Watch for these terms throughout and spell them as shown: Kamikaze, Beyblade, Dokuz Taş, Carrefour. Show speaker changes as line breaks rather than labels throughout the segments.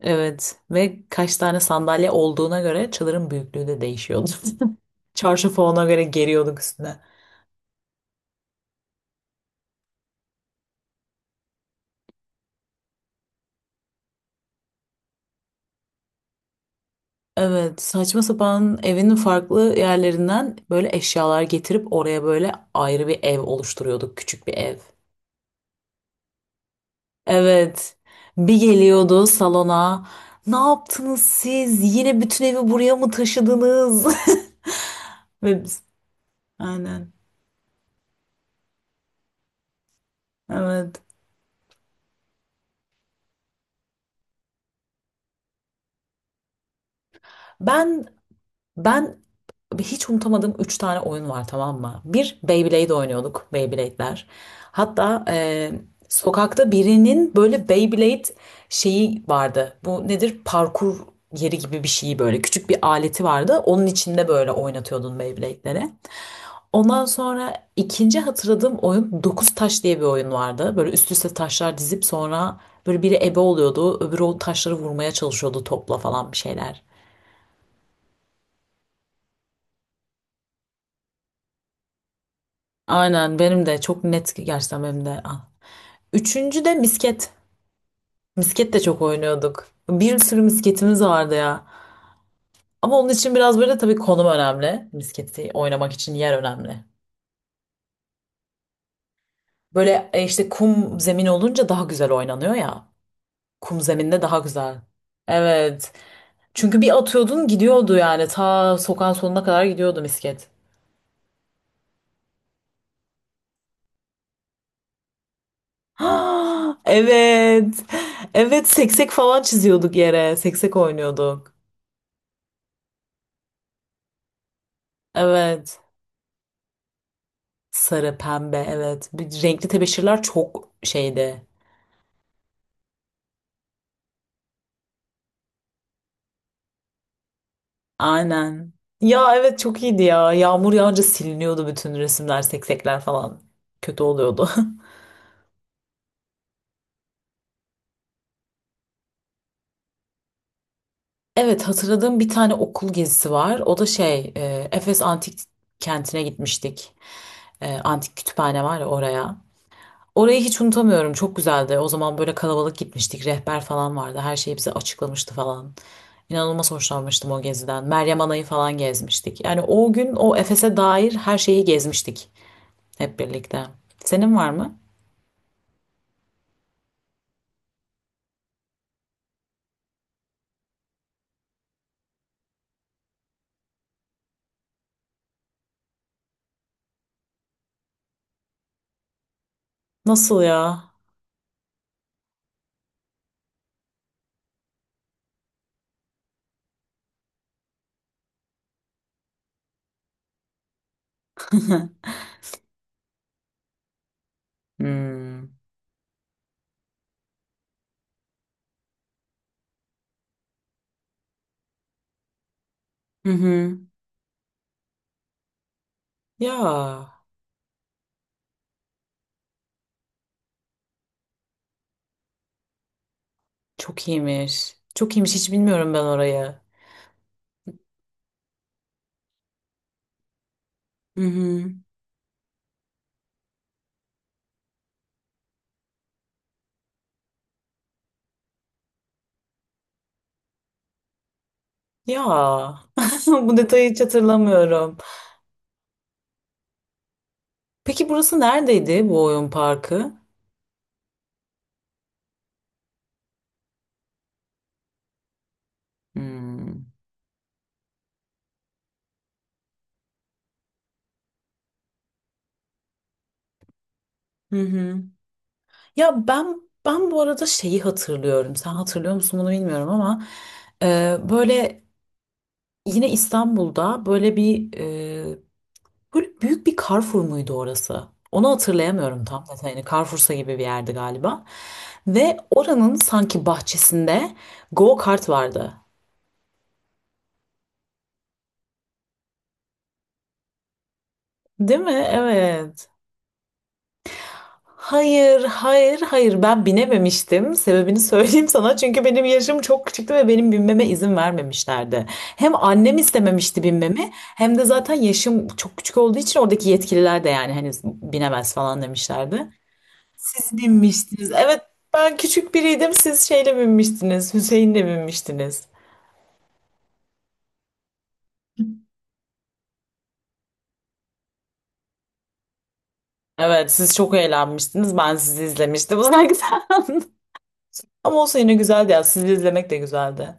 Evet ve kaç tane sandalye olduğuna göre çadırın büyüklüğü de değişiyordu. Çarşafı ona göre geriyorduk üstüne. Evet saçma sapan evinin farklı yerlerinden böyle eşyalar getirip oraya böyle ayrı bir ev oluşturuyorduk. Küçük bir ev. Evet bir geliyordu salona. Ne yaptınız siz? Yine bütün evi buraya mı taşıdınız? Ve biz- Aynen. Evet. Ben ben Abi, hiç unutamadığım 3 tane oyun var, tamam mı? Bir, Beyblade oynuyorduk. Beyblade'ler. Hatta sokakta birinin böyle Beyblade şeyi vardı. Bu nedir? Parkur yeri gibi bir şeyi böyle. Küçük bir aleti vardı. Onun içinde böyle oynatıyordun Beyblade'leri. Ondan sonra ikinci hatırladığım oyun, Dokuz Taş diye bir oyun vardı. Böyle üst üste taşlar dizip sonra böyle biri ebe oluyordu. Öbürü o taşları vurmaya çalışıyordu topla falan, bir şeyler. Aynen, benim de çok net, gerçekten benim de. Üçüncü de misket. Misket de çok oynuyorduk. Bir sürü misketimiz vardı ya. Ama onun için biraz böyle tabii konum önemli. Misketi oynamak için yer önemli. Böyle işte kum zemin olunca daha güzel oynanıyor ya. Kum zeminde daha güzel. Evet. Çünkü bir atıyordun gidiyordu yani. Ta sokağın sonuna kadar gidiyordu misket. Ha, evet. Evet, seksek falan çiziyorduk yere. Seksek oynuyorduk. Evet. Sarı, pembe, evet. Bir, renkli tebeşirler çok şeydi. Aynen. Ya evet, çok iyiydi ya. Yağmur yağınca siliniyordu bütün resimler, seksekler falan. Kötü oluyordu. Evet, hatırladığım bir tane okul gezisi var. O da şey Efes Antik Kenti'ne gitmiştik. E, antik kütüphane var ya, oraya. Orayı hiç unutamıyorum. Çok güzeldi. O zaman böyle kalabalık gitmiştik. Rehber falan vardı. Her şeyi bize açıklamıştı falan. İnanılmaz hoşlanmıştım o geziden. Meryem Ana'yı falan gezmiştik. Yani o gün o Efes'e dair her şeyi gezmiştik hep birlikte. Senin var mı? Nasıl ya? Hmm. Hı hı. Ya çok iyiymiş. Çok iyiymiş. Hiç bilmiyorum ben orayı. Hı hı. Ya, bu detayı hiç hatırlamıyorum. Peki burası neredeydi bu oyun parkı? Hmm. Hı hı. Ya ben bu arada şeyi hatırlıyorum. Sen hatırlıyor musun bunu bilmiyorum ama böyle yine İstanbul'da böyle bir böyle büyük bir Carrefour muydu orası? Onu hatırlayamıyorum tam detayını. Hani Carrefour'sa gibi bir yerdi galiba. Ve oranın sanki bahçesinde go kart vardı. Değil mi? Evet. Hayır, hayır, hayır. Ben binememiştim. Sebebini söyleyeyim sana. Çünkü benim yaşım çok küçüktü ve benim binmeme izin vermemişlerdi. Hem annem istememişti binmemi, hem de zaten yaşım çok küçük olduğu için oradaki yetkililer de yani hani binemez falan demişlerdi. Siz binmiştiniz. Evet, ben küçük biriydim. Siz şeyle binmiştiniz. Hüseyin'le binmiştiniz. Evet, siz çok eğlenmiştiniz. Ben sizi izlemiştim uzaktan. Ama olsa yine güzeldi ya. Sizi izlemek de güzeldi.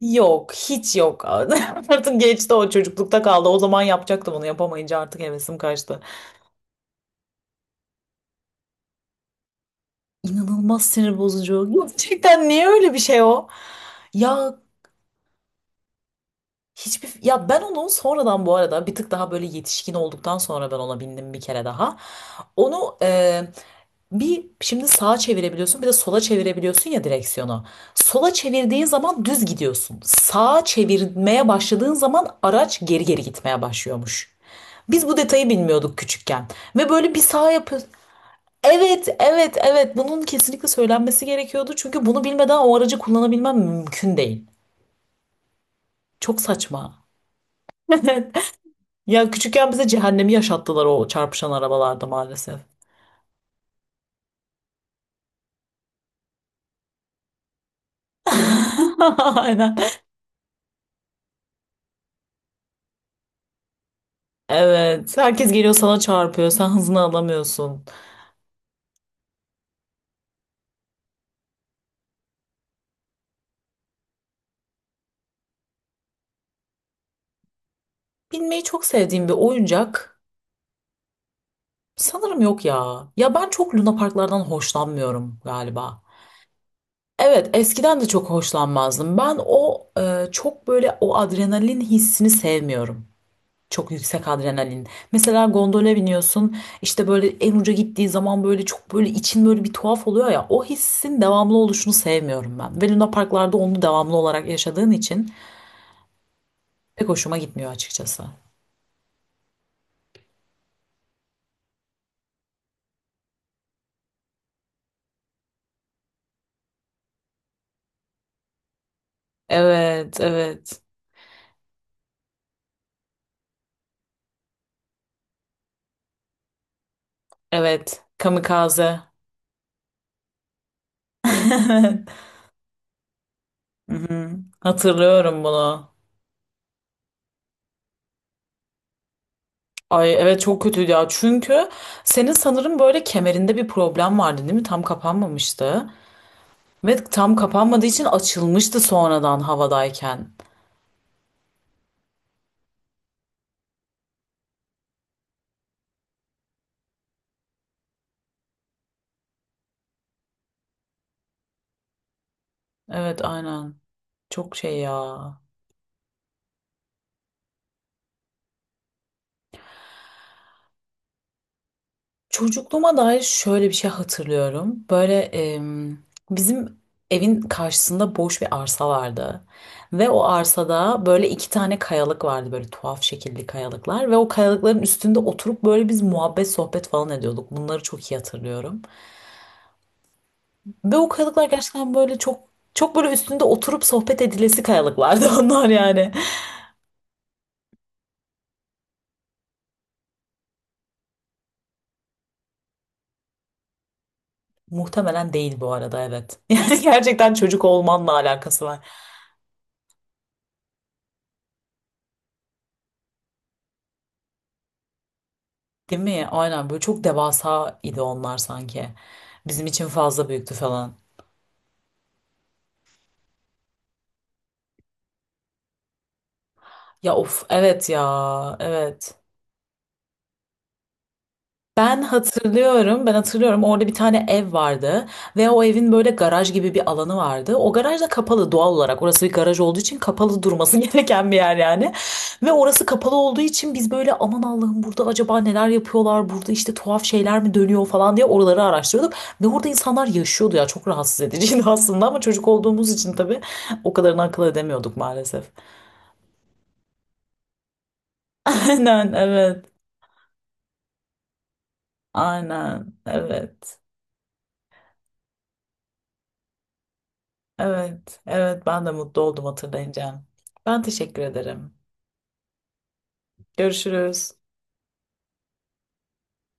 Yok, hiç yok. Artık geçti, o çocuklukta kaldı. O zaman yapacaktım, onu yapamayınca artık hevesim kaçtı. İnanılmaz sinir bozucu. Gerçekten niye öyle bir şey o? Ya hiçbir, ya ben onu sonradan bu arada bir tık daha böyle yetişkin olduktan sonra ben ona bindim bir kere daha. Onu bir şimdi sağa çevirebiliyorsun, bir de sola çevirebiliyorsun ya direksiyonu. Sola çevirdiğin zaman düz gidiyorsun. Sağa çevirmeye başladığın zaman araç geri geri gitmeye başlıyormuş. Biz bu detayı bilmiyorduk küçükken. Ve böyle bir saha yapıyoruz. Evet, evet, evet. Bunun kesinlikle söylenmesi gerekiyordu. Çünkü bunu bilmeden o aracı kullanabilmem mümkün değil. Çok saçma. Ya küçükken bize cehennemi yaşattılar o çarpışan arabalarda maalesef. Aynen. Evet. Herkes geliyor, sana çarpıyor. Sen hızını alamıyorsun. Binmeyi çok sevdiğim bir oyuncak sanırım yok ya. Ya ben çok lunaparklardan hoşlanmıyorum galiba. Evet, eskiden de çok hoşlanmazdım. Ben o çok böyle o adrenalin hissini sevmiyorum. Çok yüksek adrenalin. Mesela gondola biniyorsun, işte böyle en uca gittiği zaman böyle çok böyle için böyle bir tuhaf oluyor ya. O hissin devamlı oluşunu sevmiyorum ben. Ve Luna Parklarda onu devamlı olarak yaşadığın için pek hoşuma gitmiyor açıkçası. Evet, evet, evet. Kamikaze. Evet. Hı hı. Hatırlıyorum bunu. Ay evet, çok kötüydü ya. Çünkü senin sanırım böyle kemerinde bir problem vardı değil mi? Tam kapanmamıştı. Ve tam kapanmadığı için açılmıştı sonradan havadayken. Evet aynen. Çok şey ya. Çocukluğuma dair şöyle bir şey hatırlıyorum. Böyle bizim evin karşısında boş bir arsa vardı. Ve o arsada böyle iki tane kayalık vardı. Böyle tuhaf şekilli kayalıklar. Ve o kayalıkların üstünde oturup böyle biz muhabbet sohbet falan ediyorduk. Bunları çok iyi hatırlıyorum. Ve o kayalıklar gerçekten böyle çok çok böyle üstünde oturup sohbet edilesi kayalıklardı onlar yani. Muhtemelen değil bu arada, evet. Yani gerçekten çocuk olmanla alakası var. Değil mi? Aynen, böyle çok devasa idi onlar sanki. Bizim için fazla büyüktü falan. Ya of evet, ya evet. Ben hatırlıyorum, ben hatırlıyorum. Orada bir tane ev vardı ve o evin böyle garaj gibi bir alanı vardı. O garaj da kapalı doğal olarak. Orası bir garaj olduğu için kapalı durması gereken bir yer yani. Ve orası kapalı olduğu için biz böyle aman Allah'ım, burada acaba neler yapıyorlar? Burada işte tuhaf şeyler mi dönüyor falan diye oraları araştırıyorduk. Ve orada insanlar yaşıyordu ya, çok rahatsız ediciydi aslında ama çocuk olduğumuz için tabii o kadarını akıl edemiyorduk maalesef. Aynen evet. Aynen evet. Evet, evet, ben de mutlu oldum hatırlayınca. Ben teşekkür ederim. Görüşürüz.